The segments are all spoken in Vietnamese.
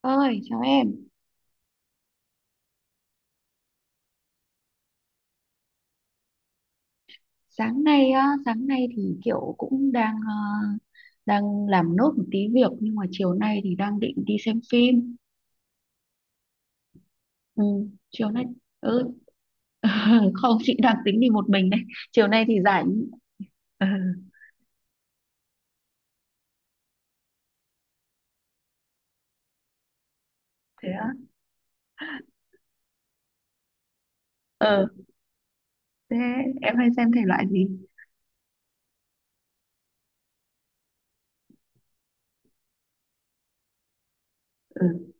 Ơi chào em. Sáng nay thì kiểu cũng đang làm nốt một tí việc, nhưng mà chiều nay thì đang định đi xem phim. Ừ, chiều nay. Ừ. Không, chị đang tính đi một mình đấy. Chiều nay thì rảnh. Ừ, thế á? ờ Thế em hay xem thể loại gì? Ừ.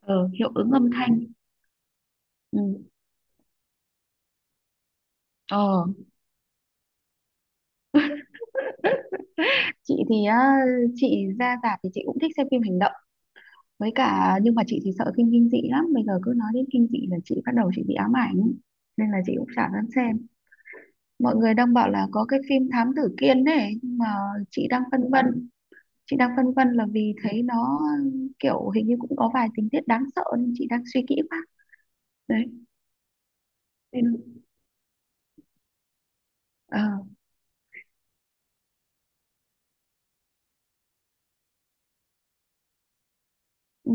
ờ, Hiệu ứng âm thanh. Ừ. ờ chị thì á, chị ra rạp thì chị cũng thích xem phim hành động, với cả nhưng mà chị thì sợ phim kinh dị lắm. Bây giờ cứ nói đến kinh dị là chị bắt đầu bị ám ảnh, nên là chị cũng chả dám xem. Mọi người đang bảo là có cái phim Thám Tử Kiên này, nhưng mà chị đang phân vân chị đang phân vân là vì thấy nó kiểu hình như cũng có vài tình tiết đáng sợ, nên chị đang suy kỹ quá. Đấy, nên ờ, ừ,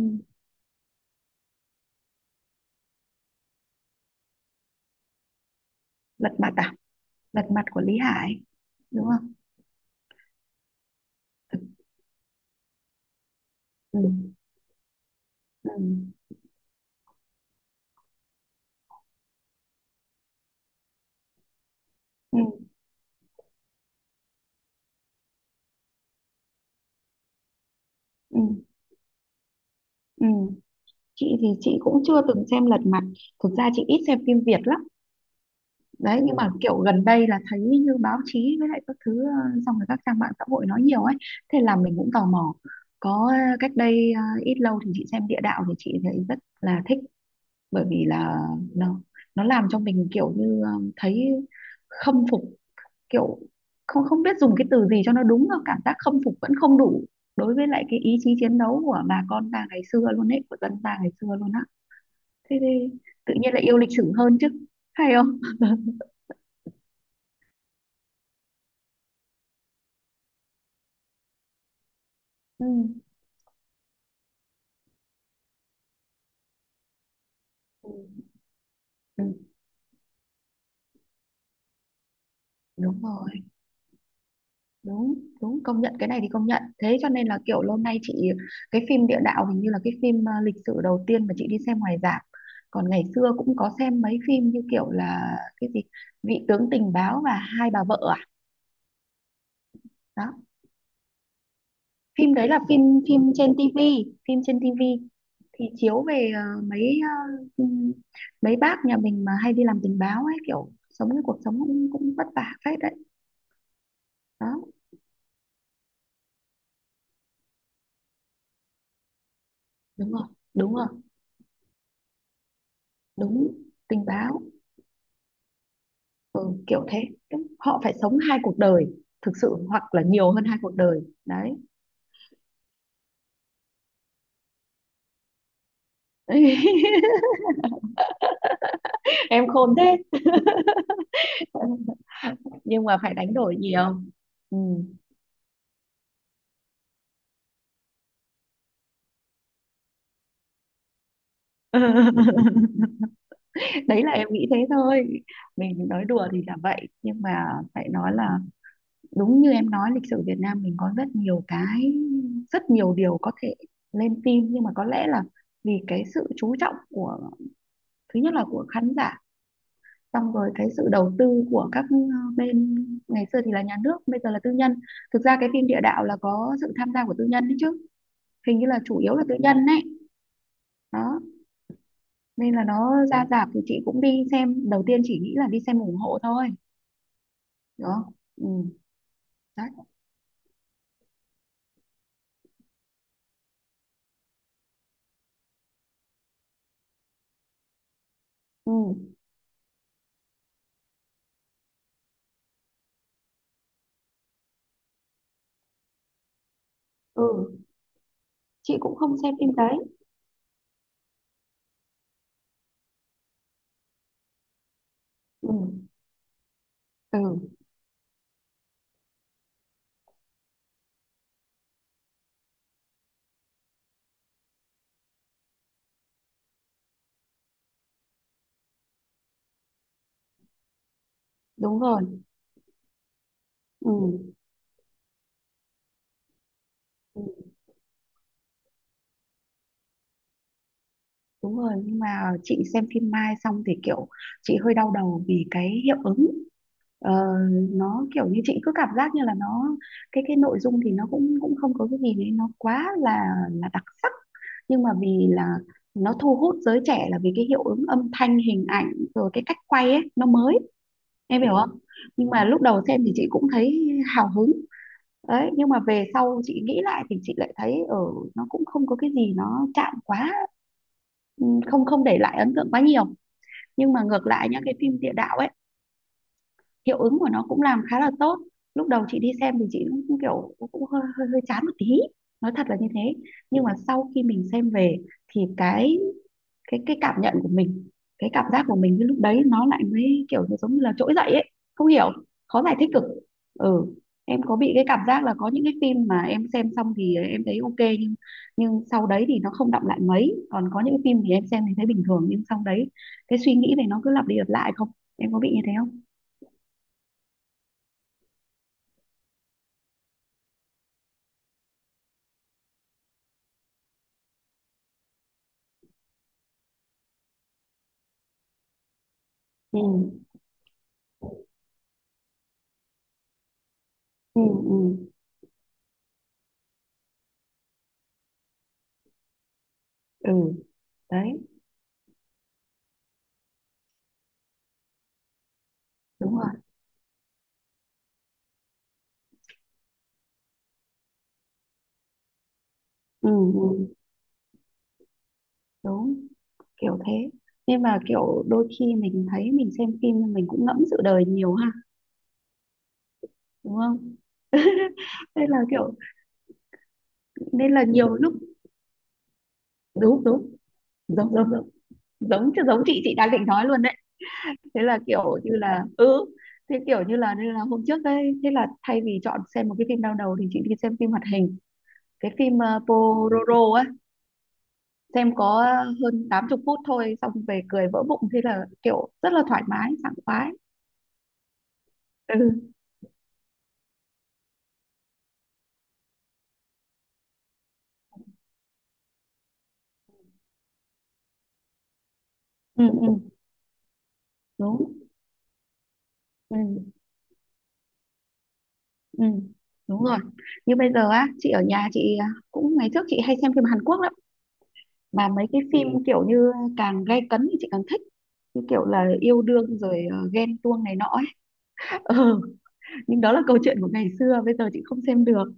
lật mặt à, lật mặt của Lý Hải, đúng không? Ừ. Ừ. Ừ. Ừ. Ừ. Ừ. Chị thì chị cũng chưa từng xem lật mặt. Thực ra chị ít xem phim Việt lắm đấy, nhưng mà ừ, kiểu gần đây là thấy như báo chí với lại các thứ, xong rồi các trang mạng xã hội nói nhiều ấy. Thế là mình cũng tò mò. Có cách đây ít lâu thì chị xem địa đạo thì chị thấy rất là thích. Bởi vì là nó nó làm cho mình kiểu như thấy khâm phục. Kiểu không không biết dùng cái từ gì cho nó đúng, là cảm giác khâm phục vẫn không đủ đối với lại cái ý chí chiến đấu của bà con ta ngày xưa luôn ấy, của dân ta ngày xưa luôn á. Thế thì tự nhiên lại yêu lịch sử hơn chứ, hay không? Ừ. Ừ, đúng rồi. Đúng, đúng, công nhận cái này thì công nhận. Thế cho nên là kiểu lâu nay chị cái phim địa đạo hình như là cái phim lịch sử đầu tiên mà chị đi xem ngoài rạp. Còn ngày xưa cũng có xem mấy phim như kiểu là cái gì, vị tướng tình báo và hai bà vợ à? Đó, phim đấy là phim phim trên tivi. Phim trên tivi thì chiếu về ừm, mấy bác nhà mình mà hay đi làm tình báo ấy, kiểu sống cái cuộc sống cũng cũng vất vả phết đấy. Đó. Đúng rồi. Đúng rồi. Đúng. Tình báo. Ừ, kiểu thế. Tức họ phải sống hai cuộc đời thực sự, hoặc là nhiều hơn hai cuộc đời đấy. Em khôn thế. Nhưng mà phải đánh đổi nhiều. Ừ. Đấy là em nghĩ thế thôi. Mình nói đùa thì là vậy, nhưng mà phải nói là đúng như em nói, lịch sử Việt Nam mình có rất nhiều điều có thể lên phim, nhưng mà có lẽ là vì cái sự chú trọng của, thứ nhất là của khán giả, xong rồi cái sự đầu tư của các bên. Ngày xưa thì là nhà nước, bây giờ là tư nhân. Thực ra cái phim địa đạo là có sự tham gia của tư nhân đấy chứ, hình như là chủ yếu là tư nhân đấy. Đó, nên là nó ra rạp thì chị cũng đi xem đầu tiên, chỉ nghĩ là đi xem ủng hộ thôi. Đó. Ừ. Đấy. Ừ. Ừ. Chị cũng không xem phim đấy. Ừ. Ừ, đúng rồi. Ừ. Ừ, đúng rồi, nhưng mà chị xem phim Mai xong thì kiểu chị hơi đau đầu vì cái hiệu ứng. Ờ, nó kiểu như chị cứ cảm giác như là nó, cái nội dung thì nó cũng cũng không có cái gì đấy nó quá là đặc sắc, nhưng mà vì là nó thu hút giới trẻ là vì cái hiệu ứng âm thanh hình ảnh, rồi cái cách quay ấy nó mới. Em hiểu không? Nhưng mà lúc đầu xem thì chị cũng thấy hào hứng. Đấy, nhưng mà về sau chị nghĩ lại thì chị lại thấy ở, nó cũng không có cái gì nó chạm quá. Ừ, không không để lại ấn tượng quá nhiều. Nhưng mà ngược lại nhá, cái phim địa đạo ấy hiệu ứng của nó cũng làm khá là tốt. Lúc đầu chị đi xem thì chị cũng kiểu cũng cũng hơi hơi hơi chán một tí, nói thật là như thế, nhưng mà sau khi mình xem về thì cái cảm nhận của mình, cái cảm giác của mình cái lúc đấy nó lại mới kiểu như giống như là trỗi dậy ấy. Không hiểu, khó giải thích cực. Ừ, em có bị cái cảm giác là có những cái phim mà em xem xong thì em thấy ok, nhưng sau đấy thì nó không đọng lại mấy, còn có những cái phim thì em xem thì thấy bình thường, nhưng sau đấy cái suy nghĩ này nó cứ lặp đi lặp lại không? Em có bị như thế không? Ừ. Ừ. Ừ. Ừ. Đấy, đúng rồi. Ừ, ừ. Đúng. Kiểu thế. Nhưng mà kiểu đôi khi mình thấy mình xem phim nhưng mình cũng ngẫm sự đời nhiều ha, đúng không? nên là kiểu nên là nhiều lúc đúng đúng, giống giống giống giống chứ giống chị đang định nói luôn đấy. thế là kiểu như là ừ Thế kiểu như là nên là hôm trước đấy, thế là thay vì chọn xem một cái phim đau đầu thì chị đi xem phim hoạt hình, cái phim Pororo ấy. Xem có hơn 80 phút thôi, xong về cười vỡ bụng, thế là kiểu rất là thoải mái sảng khoái. Ừ. Ừ. Ừ, đúng. Ừ. Ừ, đúng rồi. Như bây giờ á, chị ở nhà chị, cũng ngày trước chị hay xem phim Hàn Quốc lắm. Mà mấy cái phim, kiểu như càng gay cấn thì chị càng thích, như kiểu là yêu đương rồi ghen tuông này nọ ấy. Ừ. Nhưng đó là câu chuyện của ngày xưa, bây giờ chị không xem được.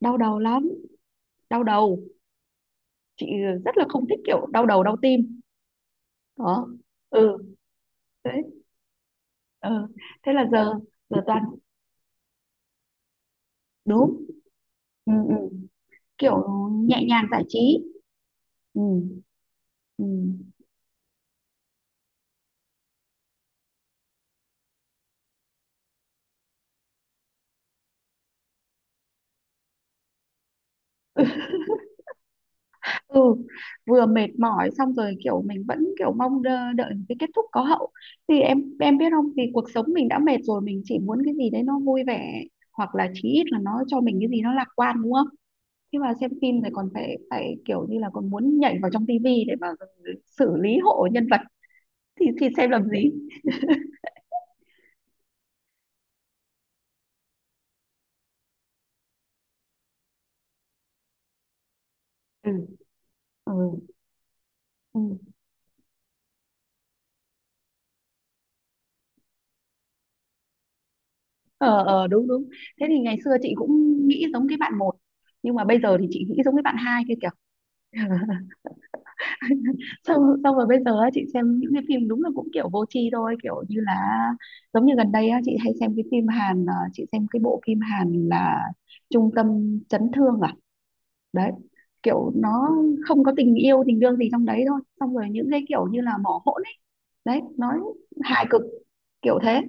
Đau đầu lắm. Đau đầu. Chị rất là không thích kiểu đau đầu đau tim. Đó. Ừ. Đấy. Ừ. Thế là giờ giờ toàn. Đúng. Ừ, ừ. Kiểu nhẹ nhàng giải trí. Ừ. Ừ. Ừ, vừa mệt mỏi, xong rồi kiểu mình vẫn kiểu mong đợi cái kết thúc có hậu. Thì em biết không? Vì cuộc sống mình đã mệt rồi, mình chỉ muốn cái gì đấy nó vui vẻ, hoặc là chí ít là nó cho mình cái gì nó lạc quan, đúng không? Thế mà xem phim thì còn phải phải kiểu như là còn muốn nhảy vào trong tivi để mà xử lý hộ nhân vật, thì xem làm gì. Ừ. Ừ, ừ. Ờ, ờ, đúng đúng. Thế thì ngày xưa chị cũng nghĩ giống cái bạn một, nhưng mà bây giờ thì chị nghĩ giống cái bạn hai kia kìa. xong xong rồi bây giờ á, chị xem những cái phim đúng là cũng kiểu vô tri thôi, kiểu như là giống như gần đây á, chị xem cái bộ phim Hàn là Trung tâm chấn thương à. Đấy, kiểu nó không có tình yêu tình đương gì trong đấy thôi, xong rồi những cái kiểu như là mỏ hỗn ấy. Đấy, nói hài cực, kiểu thế.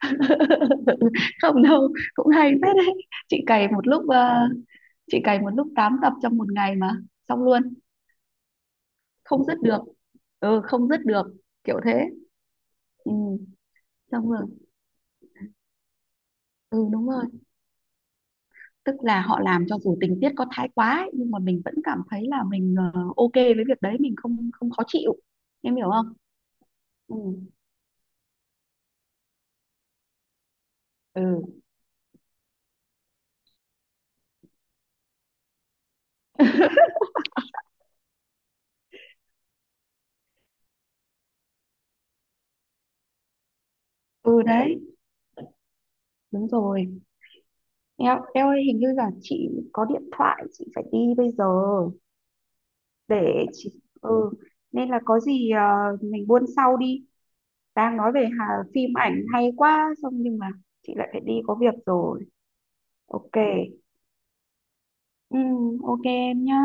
Không đâu, cũng hay phết đấy. chị cày một lúc ờ, chị cày một lúc 8 tập trong một ngày mà xong luôn. Không dứt được. Ừ, không dứt được. Kiểu thế. Ừ. Xong rồi. Ừ, đúng rồi. Tức là họ làm cho dù tình tiết có thái quá ấy, nhưng mà mình vẫn cảm thấy là mình ok với việc đấy, mình không không khó chịu. Em hiểu không? Ừ. Ừ. Ừ. Đấy, đúng rồi. Em ơi, hình như là chị có điện thoại, chị phải đi bây giờ. Để chị, ừ, nên là có gì mình buôn sau đi. Đang nói về phim ảnh hay quá, xong nhưng mà chị lại phải đi có việc rồi. Ok. Ok em nhá.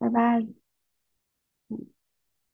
Bye bye.